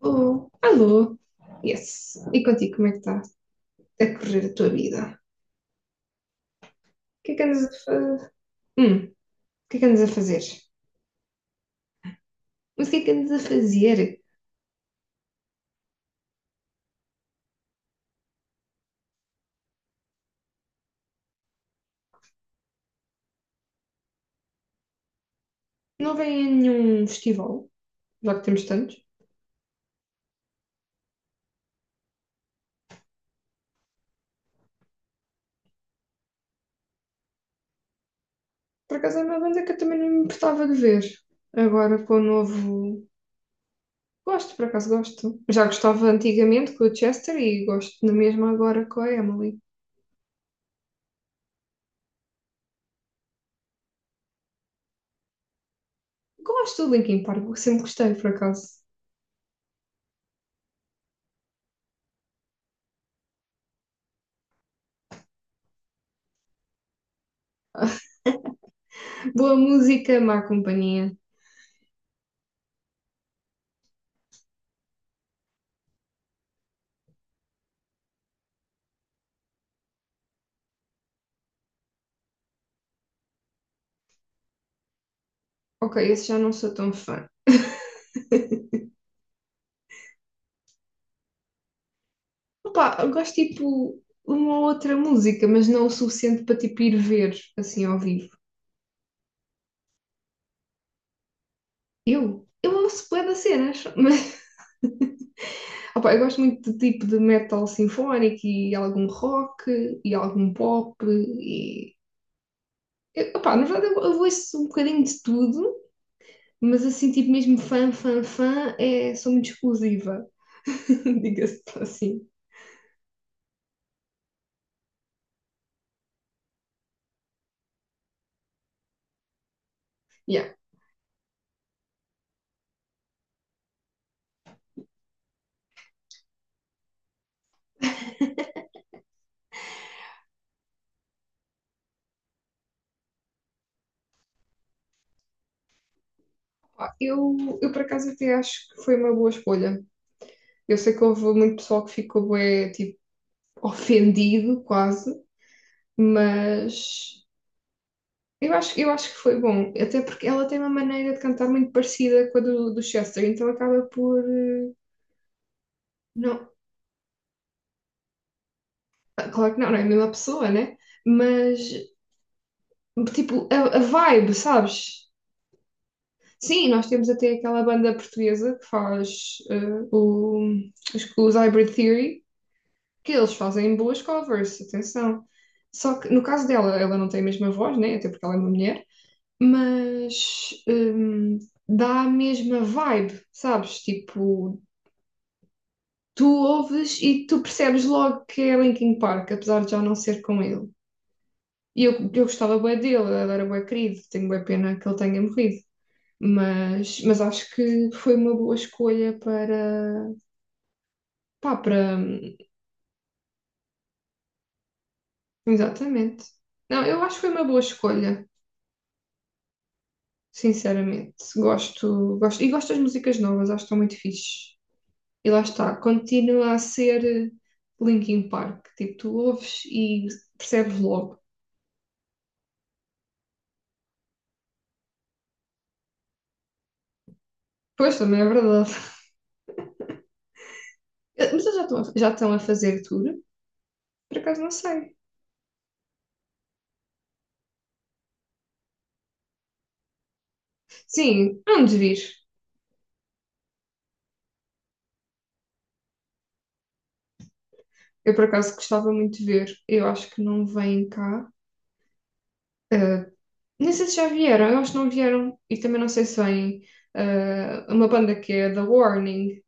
Alô, alô, yes. E contigo, como é que está a correr a tua vida? O que é que andas a fazer? O que é que andas a fazer? Mas o que é que andas a fazer? Não vem a nenhum festival, já que temos tantos. Por acaso é uma banda que eu também não me importava de ver. Agora com o novo. Gosto, por acaso gosto. Já gostava antigamente com o Chester e gosto na mesma agora com a Emily. Gosto do Linkin Park, sempre gostei, por acaso. Boa música, má companhia. Ok, esse já não sou tão fã. Opa, eu gosto tipo uma outra música, mas não o suficiente para tipo ir ver assim ao vivo. Eu? Eu ouço bué das cenas, mas opa, eu gosto muito de tipo de metal sinfónico e algum rock e algum pop e opa, na verdade eu ouço um bocadinho de tudo, mas assim tipo mesmo fã, fã, fã, é, sou muito exclusiva, diga-se assim. Yeah. Pá, Eu por acaso até acho que foi uma boa escolha. Eu sei que houve muito pessoal que ficou bué, tipo ofendido quase, mas eu acho que foi bom, até porque ela tem uma maneira de cantar muito parecida com a do Chester, então acaba por não, ah, claro que não, não é a mesma pessoa, né? Mas tipo, a vibe, sabes? Sim, nós temos até aquela banda portuguesa que faz o, os Hybrid Theory, que eles fazem boas covers, atenção. Só que no caso dela, ela não tem a mesma voz, né? Até porque ela é uma mulher. Mas dá a mesma vibe, sabes? Tipo, tu ouves e tu percebes logo que é Linkin Park, apesar de já não ser com ele. E eu gostava bué dele, ele era bué querido, tenho bué pena que ele tenha morrido. Mas acho que foi uma boa escolha para, pá, para, exatamente. Não, eu acho que foi uma boa escolha, sinceramente. Gosto, gosto, e gosto das músicas novas, acho que estão muito fixe. E lá está, continua a ser Linkin Park. Tipo, tu ouves e percebes logo. Pois, também é verdade. Eh, mas eles já estão a fazer tour? Por acaso não sei. Sim, não desvir. Eu por acaso gostava muito de ver. Eu acho que não vêm cá. Eh, nem sei se já vieram, eu acho que não vieram. E também não sei se vêm uma banda que é The Warning.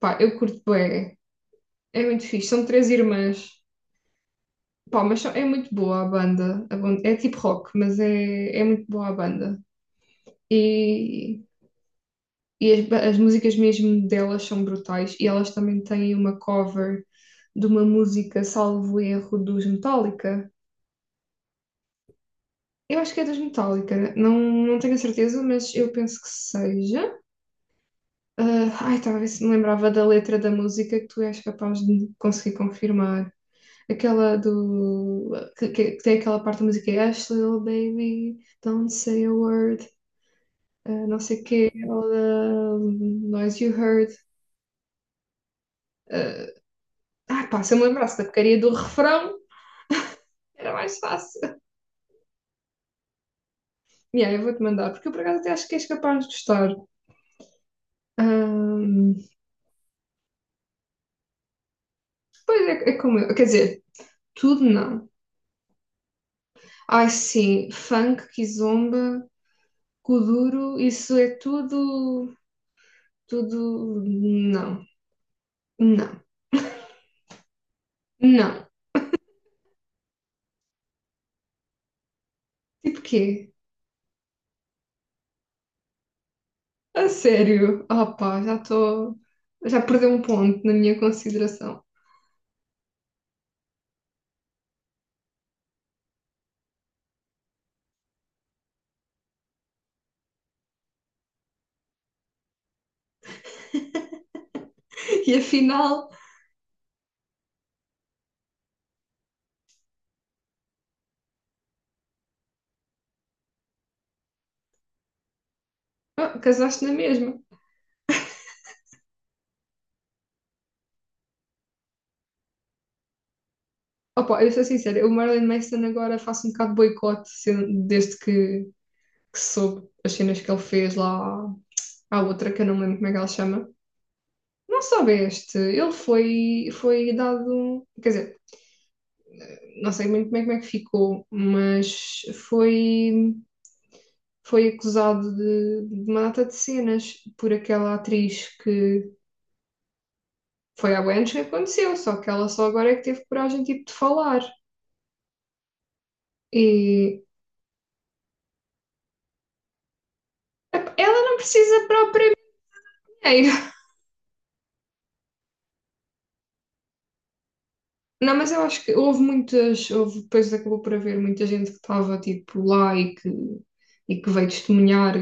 Pá, eu curto bem. É muito fixe. São três irmãs. Pá, é muito boa a banda. É tipo rock, mas é muito boa a banda. E, as músicas mesmo delas são brutais. E elas também têm uma cover de uma música, salvo erro, dos Metallica. Eu acho que é dos Metallica, não, não tenho a certeza, mas eu penso que seja. Ah, ai, estava a ver se me lembrava da letra da música que tu és capaz de conseguir confirmar. Aquela do. Que, que tem aquela parte da música, é Ashley, little baby. Don't say a word. Ah, não sei quê, ou da Noise You Heard. ah, pá, se eu me lembrasse da porcaria do refrão, era mais fácil. Yeah, eu vou-te mandar, porque eu por acaso até acho que és capaz de gostar. Ahm, pois é, é como eu, quer dizer, tudo não. Ai sim, funk, kizomba, kuduro, isso é tudo, tudo, não, não, não. Tipo quê? A sério? Ah pá, já estou, já perdeu um ponto na minha consideração. E afinal, ah, casaste na mesma. Opa, eu sou sincera, o Marilyn Manson agora faço um bocado de boicote desde que soube as cenas que ele fez lá à outra, que eu não me lembro como é que ela se chama. Não soubeste, ele foi, foi dado, um, quer dizer, não sei muito bem como é que ficou, mas foi, foi acusado de uma data de cenas por aquela atriz que foi há anos que aconteceu, só que ela só agora é que teve coragem tipo de falar. E ep, ela não precisa. É, não, mas eu acho que houve muitas, houve, depois acabou por haver muita gente que estava tipo lá e que veio testemunhar.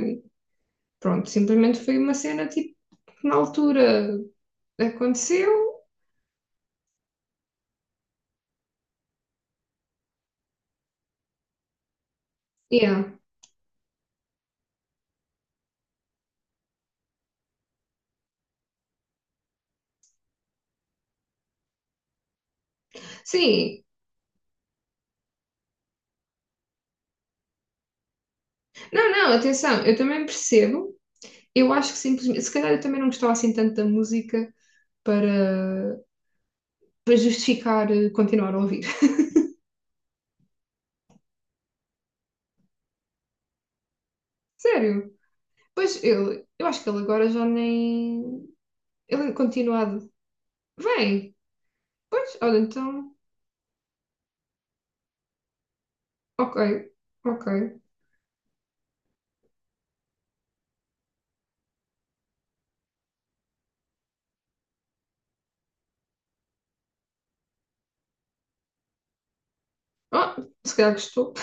Pronto, simplesmente foi uma cena tipo que na altura aconteceu. Yeah. Sim, não, não, atenção, eu também percebo. Eu acho que simplesmente, se calhar eu também não gostava assim tanto da música para, para justificar continuar a ouvir. Sério. Pois ele, eu acho que ele agora já nem. Ele é continuado. Vem, pois, olha, então. Ok, ok. Ah, se calhar gostou,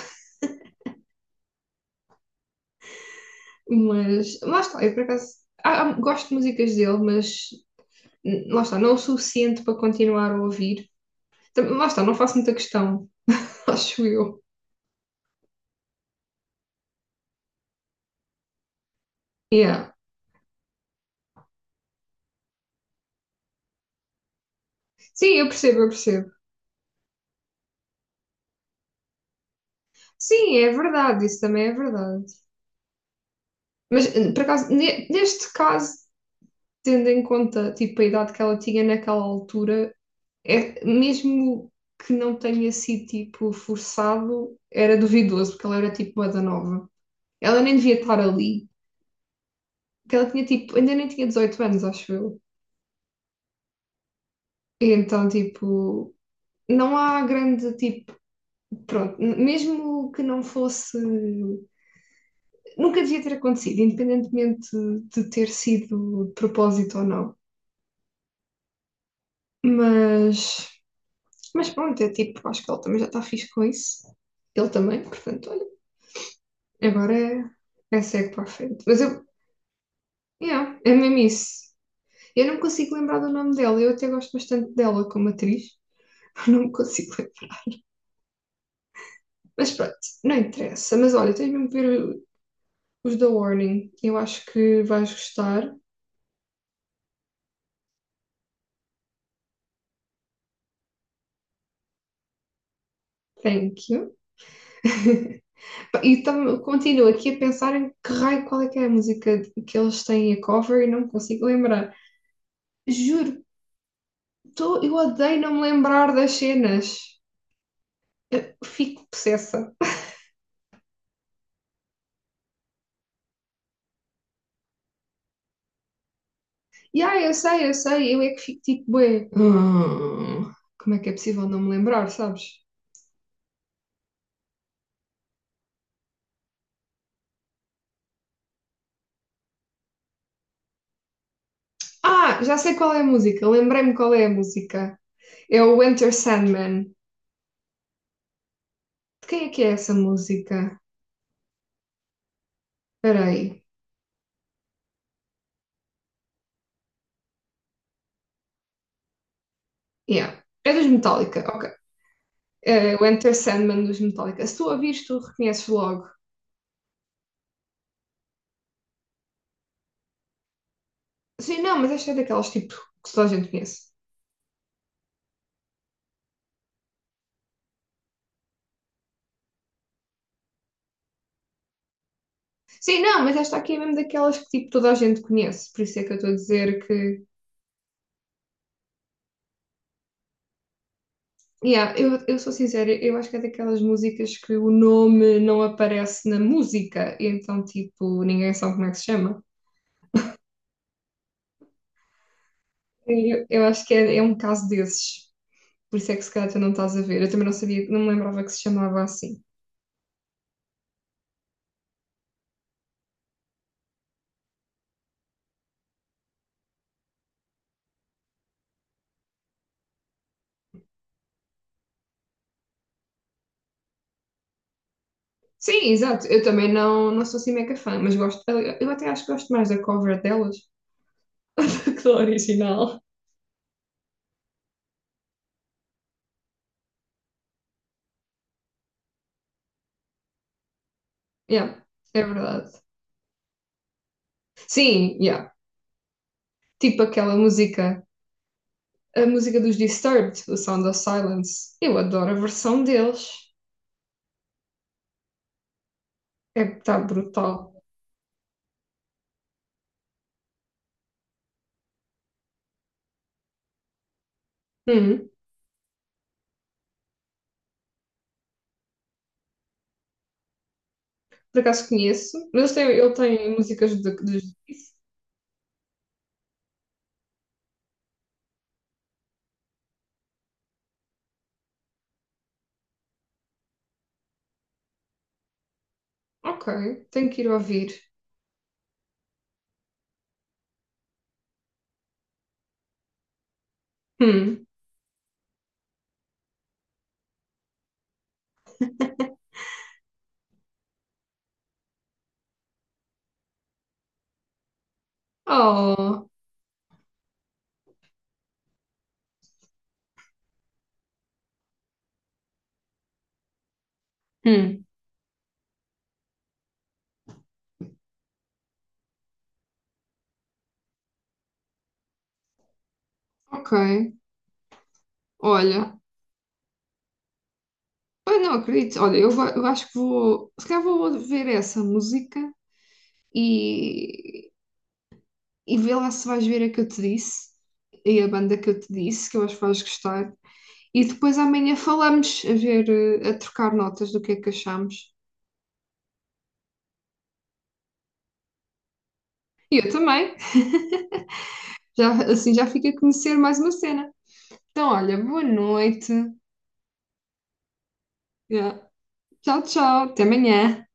mas lá está, eu por acaso gosto de músicas dele, mas lá está, não o suficiente para continuar a ouvir. Lá está, não faço muita questão, acho eu. Yeah. Sim, eu percebo. Sim, é verdade, isso também é verdade. Mas por acaso, neste caso, tendo em conta tipo, a idade que ela tinha naquela altura, é, mesmo que não tenha sido tipo forçado, era duvidoso, porque ela era tipo uma da nova. Ela nem devia estar ali, porque ela tinha tipo, ainda nem tinha 18 anos, acho eu. E então, tipo, não há grande tipo, pronto, mesmo que não fosse, nunca devia ter acontecido, independentemente de ter sido de propósito ou não. Mas, mas pronto, é tipo, acho que ele também já está fixe com isso. Ele também, portanto, olha, agora é, é segue para a frente. Mas eu, yeah, é mesmo isso. Eu não me consigo lembrar do nome dela, eu até gosto bastante dela como atriz. Eu não me consigo lembrar. Mas pronto, não interessa. Mas olha, tens mesmo que ver os da Warning. Eu acho que vais gostar. Thank you. E continuo aqui a pensar em que raio, qual é que é a música que eles têm a cover e não me consigo lembrar. Juro, eu odeio não me lembrar das cenas. Eu fico possessa. E ah, eu é que fico tipo, bué. Como é que é possível não me lembrar, sabes? Ah, já sei qual é a música, lembrei-me qual é a música. É o Enter Sandman. Quem é que é essa música? Espera aí. Yeah. É dos Metallica, ok. É o Enter Sandman dos Metallica. Se tu a vires, tu reconheces logo. Sim, não, mas esta é daquelas tipo que toda a gente conhece. Sim, não, mas esta aqui é mesmo daquelas que tipo toda a gente conhece. Por isso é que eu estou a dizer que. Yeah, eu sou sincera, eu acho que é daquelas músicas que o nome não aparece na música, e então tipo ninguém sabe como é que se chama. Eu acho que é, é um caso desses. Por isso é que se calhar tu não estás a ver. Eu também não sabia, não me lembrava que se chamava assim. Sim, exato. Eu também não, não sou assim mega fã, mas gosto. Eu até acho que gosto mais da cover delas do que da original. Yeah, é verdade. Sim, yeah. Tipo aquela música, a música dos Disturbed, o Sound of Silence. Eu adoro a versão deles. É que está brutal. Hum, por acaso conheço, mas eles têm, ele tem músicas dos. Ok, tenho que ir ouvir. Hum. Oh, hum. Ok, olha. Ai, não acredito. Olha, eu, eu acho que vou. Se calhar vou ver essa música e, e vê lá se vais ver a que eu te disse e a banda que eu te disse, que eu acho que vais gostar. E depois amanhã falamos a ver, eh, a trocar notas do que é que achamos. E eu também. Já, assim já fica a conhecer mais uma cena. Então, olha, boa noite. Yeah. Tchau, tchau. Até amanhã.